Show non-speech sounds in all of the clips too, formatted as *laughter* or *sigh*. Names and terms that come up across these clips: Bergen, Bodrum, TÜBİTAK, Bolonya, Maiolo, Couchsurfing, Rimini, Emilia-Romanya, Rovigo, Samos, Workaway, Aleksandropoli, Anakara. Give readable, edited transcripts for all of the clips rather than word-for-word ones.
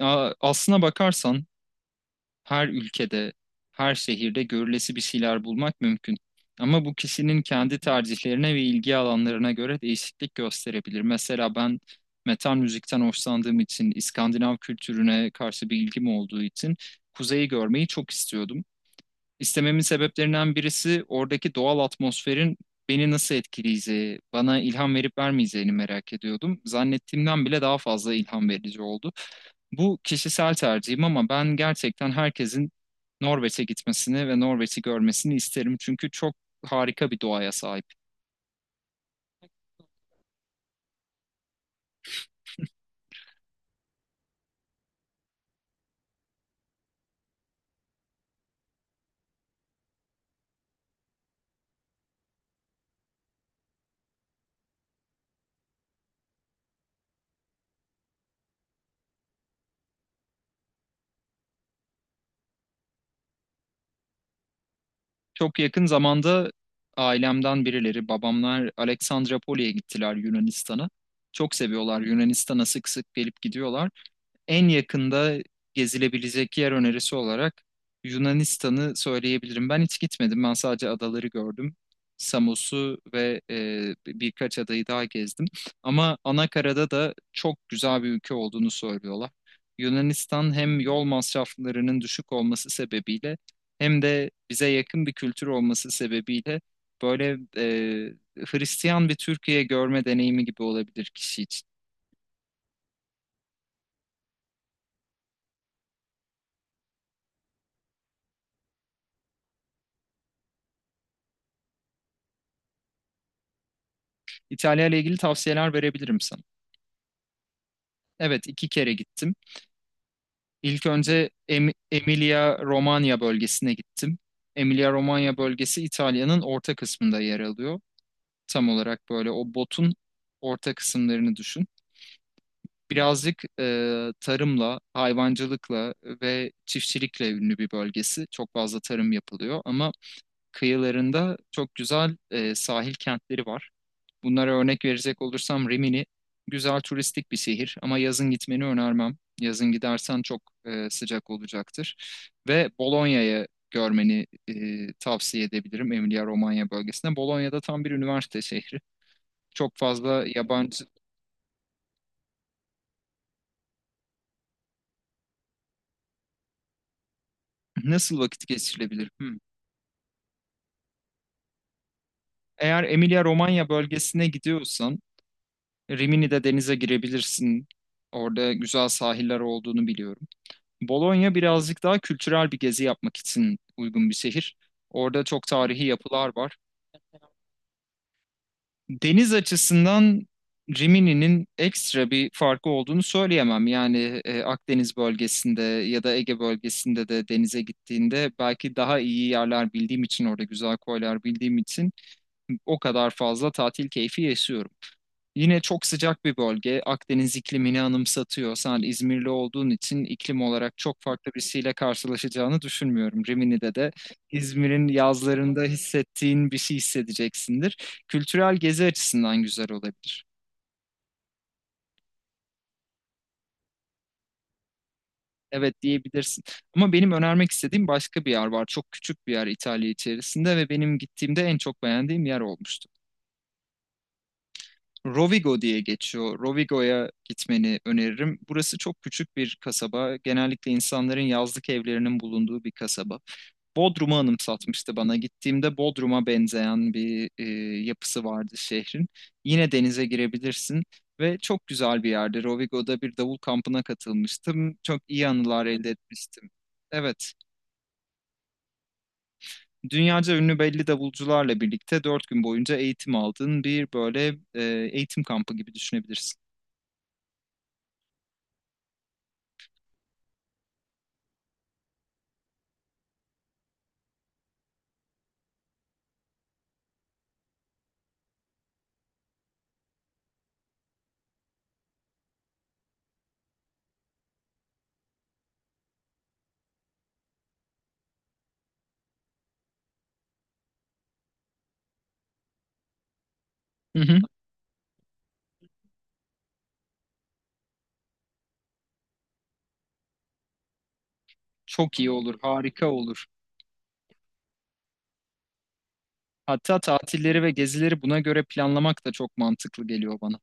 Aslına bakarsan her ülkede, her şehirde görülesi bir şeyler bulmak mümkün. Ama bu kişinin kendi tercihlerine ve ilgi alanlarına göre değişiklik gösterebilir. Mesela ben metal müzikten hoşlandığım için, İskandinav kültürüne karşı bir ilgim olduğu için kuzeyi görmeyi çok istiyordum. İstememin sebeplerinden birisi oradaki doğal atmosferin beni nasıl etkileyeceği, bana ilham verip vermeyeceğini merak ediyordum. Zannettiğimden bile daha fazla ilham verici oldu. Bu kişisel tercihim ama ben gerçekten herkesin Norveç'e gitmesini ve Norveç'i görmesini isterim. Çünkü çok harika bir doğaya sahip. Çok yakın zamanda ailemden birileri, babamlar Aleksandropoli'ye gittiler Yunanistan'a. Çok seviyorlar, Yunanistan'a sık sık gelip gidiyorlar. En yakında gezilebilecek yer önerisi olarak Yunanistan'ı söyleyebilirim. Ben hiç gitmedim. Ben sadece adaları gördüm. Samos'u ve birkaç adayı daha gezdim. Ama Anakara'da da çok güzel bir ülke olduğunu söylüyorlar. Yunanistan hem yol masraflarının düşük olması sebebiyle hem de bize yakın bir kültür olması sebebiyle böyle Hristiyan bir Türkiye görme deneyimi gibi olabilir kişi için. İtalya ile ilgili tavsiyeler verebilirim sana. Evet, iki kere gittim. İlk önce Emilia-Romanya bölgesine gittim. Emilia-Romanya bölgesi İtalya'nın orta kısmında yer alıyor. Tam olarak böyle o botun orta kısımlarını düşün. Birazcık tarımla, hayvancılıkla ve çiftçilikle ünlü bir bölgesi. Çok fazla tarım yapılıyor ama kıyılarında çok güzel sahil kentleri var. Bunlara örnek verecek olursam Rimini güzel turistik bir şehir ama yazın gitmeni önermem. Yazın gidersen çok sıcak olacaktır. Ve Bolonya'yı görmeni tavsiye edebilirim Emilia-Romanya bölgesinde. Bolonya'da tam bir üniversite şehri. Çok fazla yabancı. Nasıl vakit geçirilebilir? Hmm. Eğer Emilia-Romanya bölgesine gidiyorsan Rimini'de denize girebilirsin. Orada güzel sahiller olduğunu biliyorum. Bologna birazcık daha kültürel bir gezi yapmak için uygun bir şehir. Orada çok tarihi yapılar var. Deniz açısından Rimini'nin ekstra bir farkı olduğunu söyleyemem. Yani Akdeniz bölgesinde ya da Ege bölgesinde de denize gittiğinde belki daha iyi yerler bildiğim için, orada güzel koylar bildiğim için o kadar fazla tatil keyfi yaşıyorum. Yine çok sıcak bir bölge. Akdeniz iklimini anımsatıyor. Sen İzmirli olduğun için iklim olarak çok farklı birisiyle karşılaşacağını düşünmüyorum. Rimini'de de İzmir'in yazlarında hissettiğin bir şey hissedeceksindir. Kültürel gezi açısından güzel olabilir. Evet, diyebilirsin. Ama benim önermek istediğim başka bir yer var. Çok küçük bir yer İtalya içerisinde ve benim gittiğimde en çok beğendiğim yer olmuştu. Rovigo diye geçiyor. Rovigo'ya gitmeni öneririm. Burası çok küçük bir kasaba. Genellikle insanların yazlık evlerinin bulunduğu bir kasaba. Bodrum'u anımsatmıştı bana. Gittiğimde Bodrum'a benzeyen bir yapısı vardı şehrin. Yine denize girebilirsin ve çok güzel bir yerde. Rovigo'da bir davul kampına katılmıştım. Çok iyi anılar elde etmiştim. Evet, dünyaca ünlü belli davulcularla birlikte 4 gün boyunca eğitim aldığın bir böyle eğitim kampı gibi düşünebilirsin. *laughs* Çok iyi olur, harika olur. Hatta tatilleri ve gezileri buna göre planlamak da çok mantıklı geliyor bana.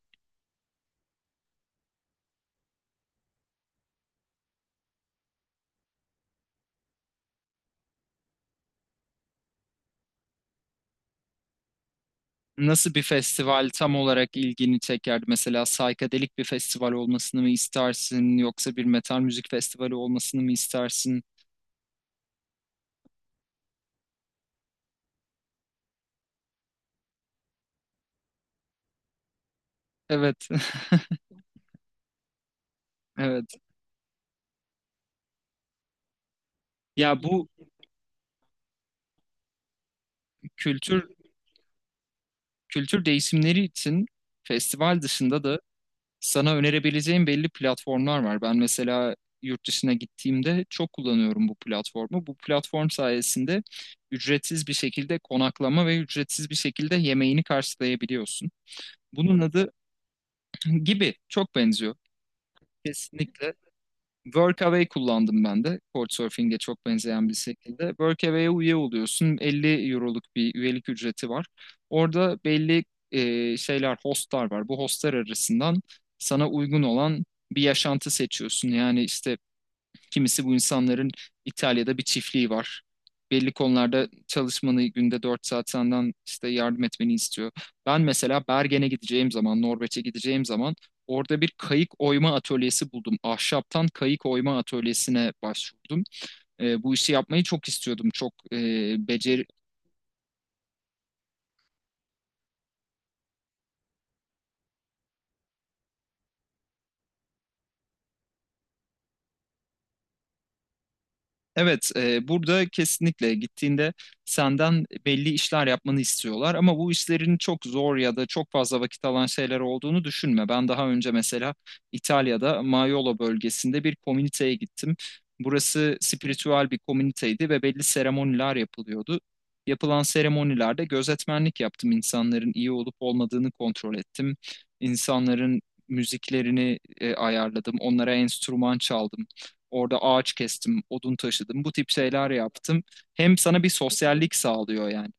Nasıl bir festival tam olarak ilgini çekerdi? Mesela saykadelik bir festival olmasını mı istersin, yoksa bir metal müzik festivali olmasını mı istersin? Evet, *laughs* evet. Ya bu kültür kültür değişimleri için festival dışında da sana önerebileceğim belli platformlar var. Ben mesela yurt dışına gittiğimde çok kullanıyorum bu platformu. Bu platform sayesinde ücretsiz bir şekilde konaklama ve ücretsiz bir şekilde yemeğini karşılayabiliyorsun. Bunun adı gibi çok benziyor. Kesinlikle Workaway kullandım ben de. Couchsurfing'e çok benzeyen bir şekilde Workaway'e üye oluyorsun. 50 euroluk bir üyelik ücreti var. Orada belli şeyler, hostlar var. Bu hostlar arasından sana uygun olan bir yaşantı seçiyorsun. Yani işte kimisi, bu insanların İtalya'da bir çiftliği var. Belli konularda çalışmanı, günde 4 saat senden işte yardım etmeni istiyor. Ben mesela Bergen'e gideceğim zaman, Norveç'e gideceğim zaman orada bir kayık oyma atölyesi buldum. Ahşaptan kayık oyma atölyesine başvurdum. Bu işi yapmayı çok istiyordum. Çok e, becer Evet, burada kesinlikle gittiğinde senden belli işler yapmanı istiyorlar ama bu işlerin çok zor ya da çok fazla vakit alan şeyler olduğunu düşünme. Ben daha önce mesela İtalya'da Maiolo bölgesinde bir komüniteye gittim. Burası spiritüel bir komüniteydi ve belli seremoniler yapılıyordu. Yapılan seremonilerde gözetmenlik yaptım. İnsanların iyi olup olmadığını kontrol ettim. İnsanların müziklerini ayarladım. Onlara enstrüman çaldım. Orada ağaç kestim, odun taşıdım, bu tip şeyler yaptım. Hem sana bir sosyallik sağlıyor yani.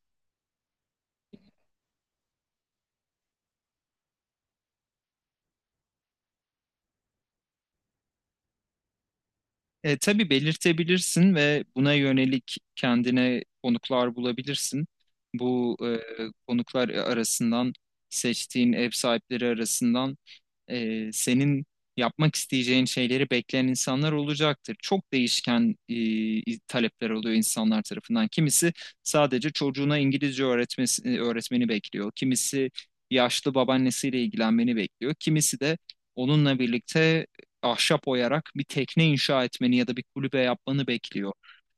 Tabii belirtebilirsin ve buna yönelik kendine konuklar bulabilirsin. Bu konuklar arasından, seçtiğin ev sahipleri arasından senin yapmak isteyeceğin şeyleri bekleyen insanlar olacaktır. Çok değişken talepler oluyor insanlar tarafından. Kimisi sadece çocuğuna İngilizce öğretmesi, öğretmeni bekliyor. Kimisi yaşlı babaannesiyle ilgilenmeni bekliyor. Kimisi de onunla birlikte ahşap oyarak bir tekne inşa etmeni ya da bir kulübe yapmanı bekliyor.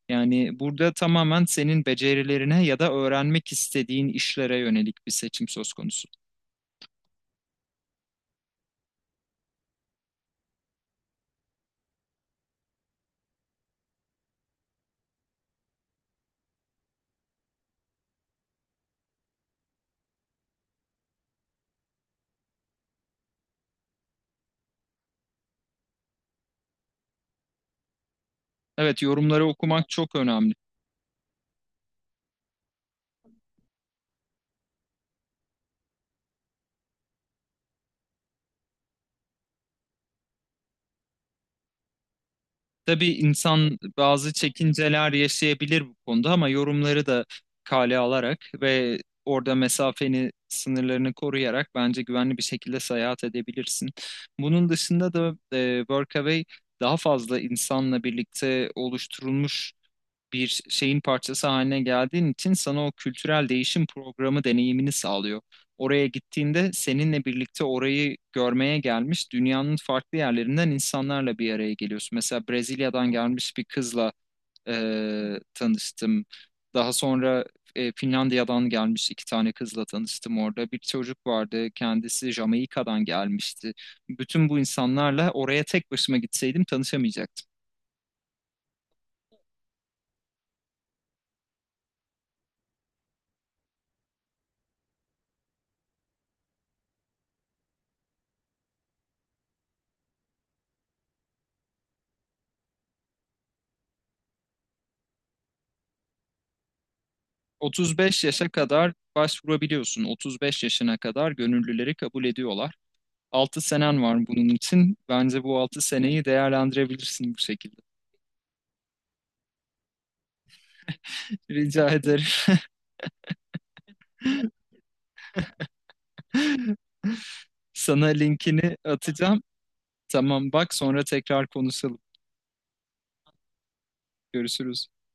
Yani burada tamamen senin becerilerine ya da öğrenmek istediğin işlere yönelik bir seçim söz konusu. Evet, yorumları okumak çok önemli. Tabii insan bazı çekinceler yaşayabilir bu konuda ama yorumları da kale alarak ve orada mesafeni, sınırlarını koruyarak bence güvenli bir şekilde seyahat edebilirsin. Bunun dışında da Workaway daha fazla insanla birlikte oluşturulmuş bir şeyin parçası haline geldiğin için sana o kültürel değişim programı deneyimini sağlıyor. Oraya gittiğinde seninle birlikte orayı görmeye gelmiş dünyanın farklı yerlerinden insanlarla bir araya geliyorsun. Mesela Brezilya'dan gelmiş bir kızla e, tanıştım. Daha sonra Finlandiya'dan gelmiş iki tane kızla tanıştım orada. Bir çocuk vardı, kendisi Jamaika'dan gelmişti. Bütün bu insanlarla oraya tek başıma gitseydim tanışamayacaktım. 35 yaşa kadar başvurabiliyorsun. 35 yaşına kadar gönüllüleri kabul ediyorlar. 6 senen var bunun için. Bence bu 6 seneyi değerlendirebilirsin bu şekilde. *laughs* Rica ederim. *laughs* Sana linkini atacağım. Tamam, bak sonra tekrar konuşalım. Görüşürüz.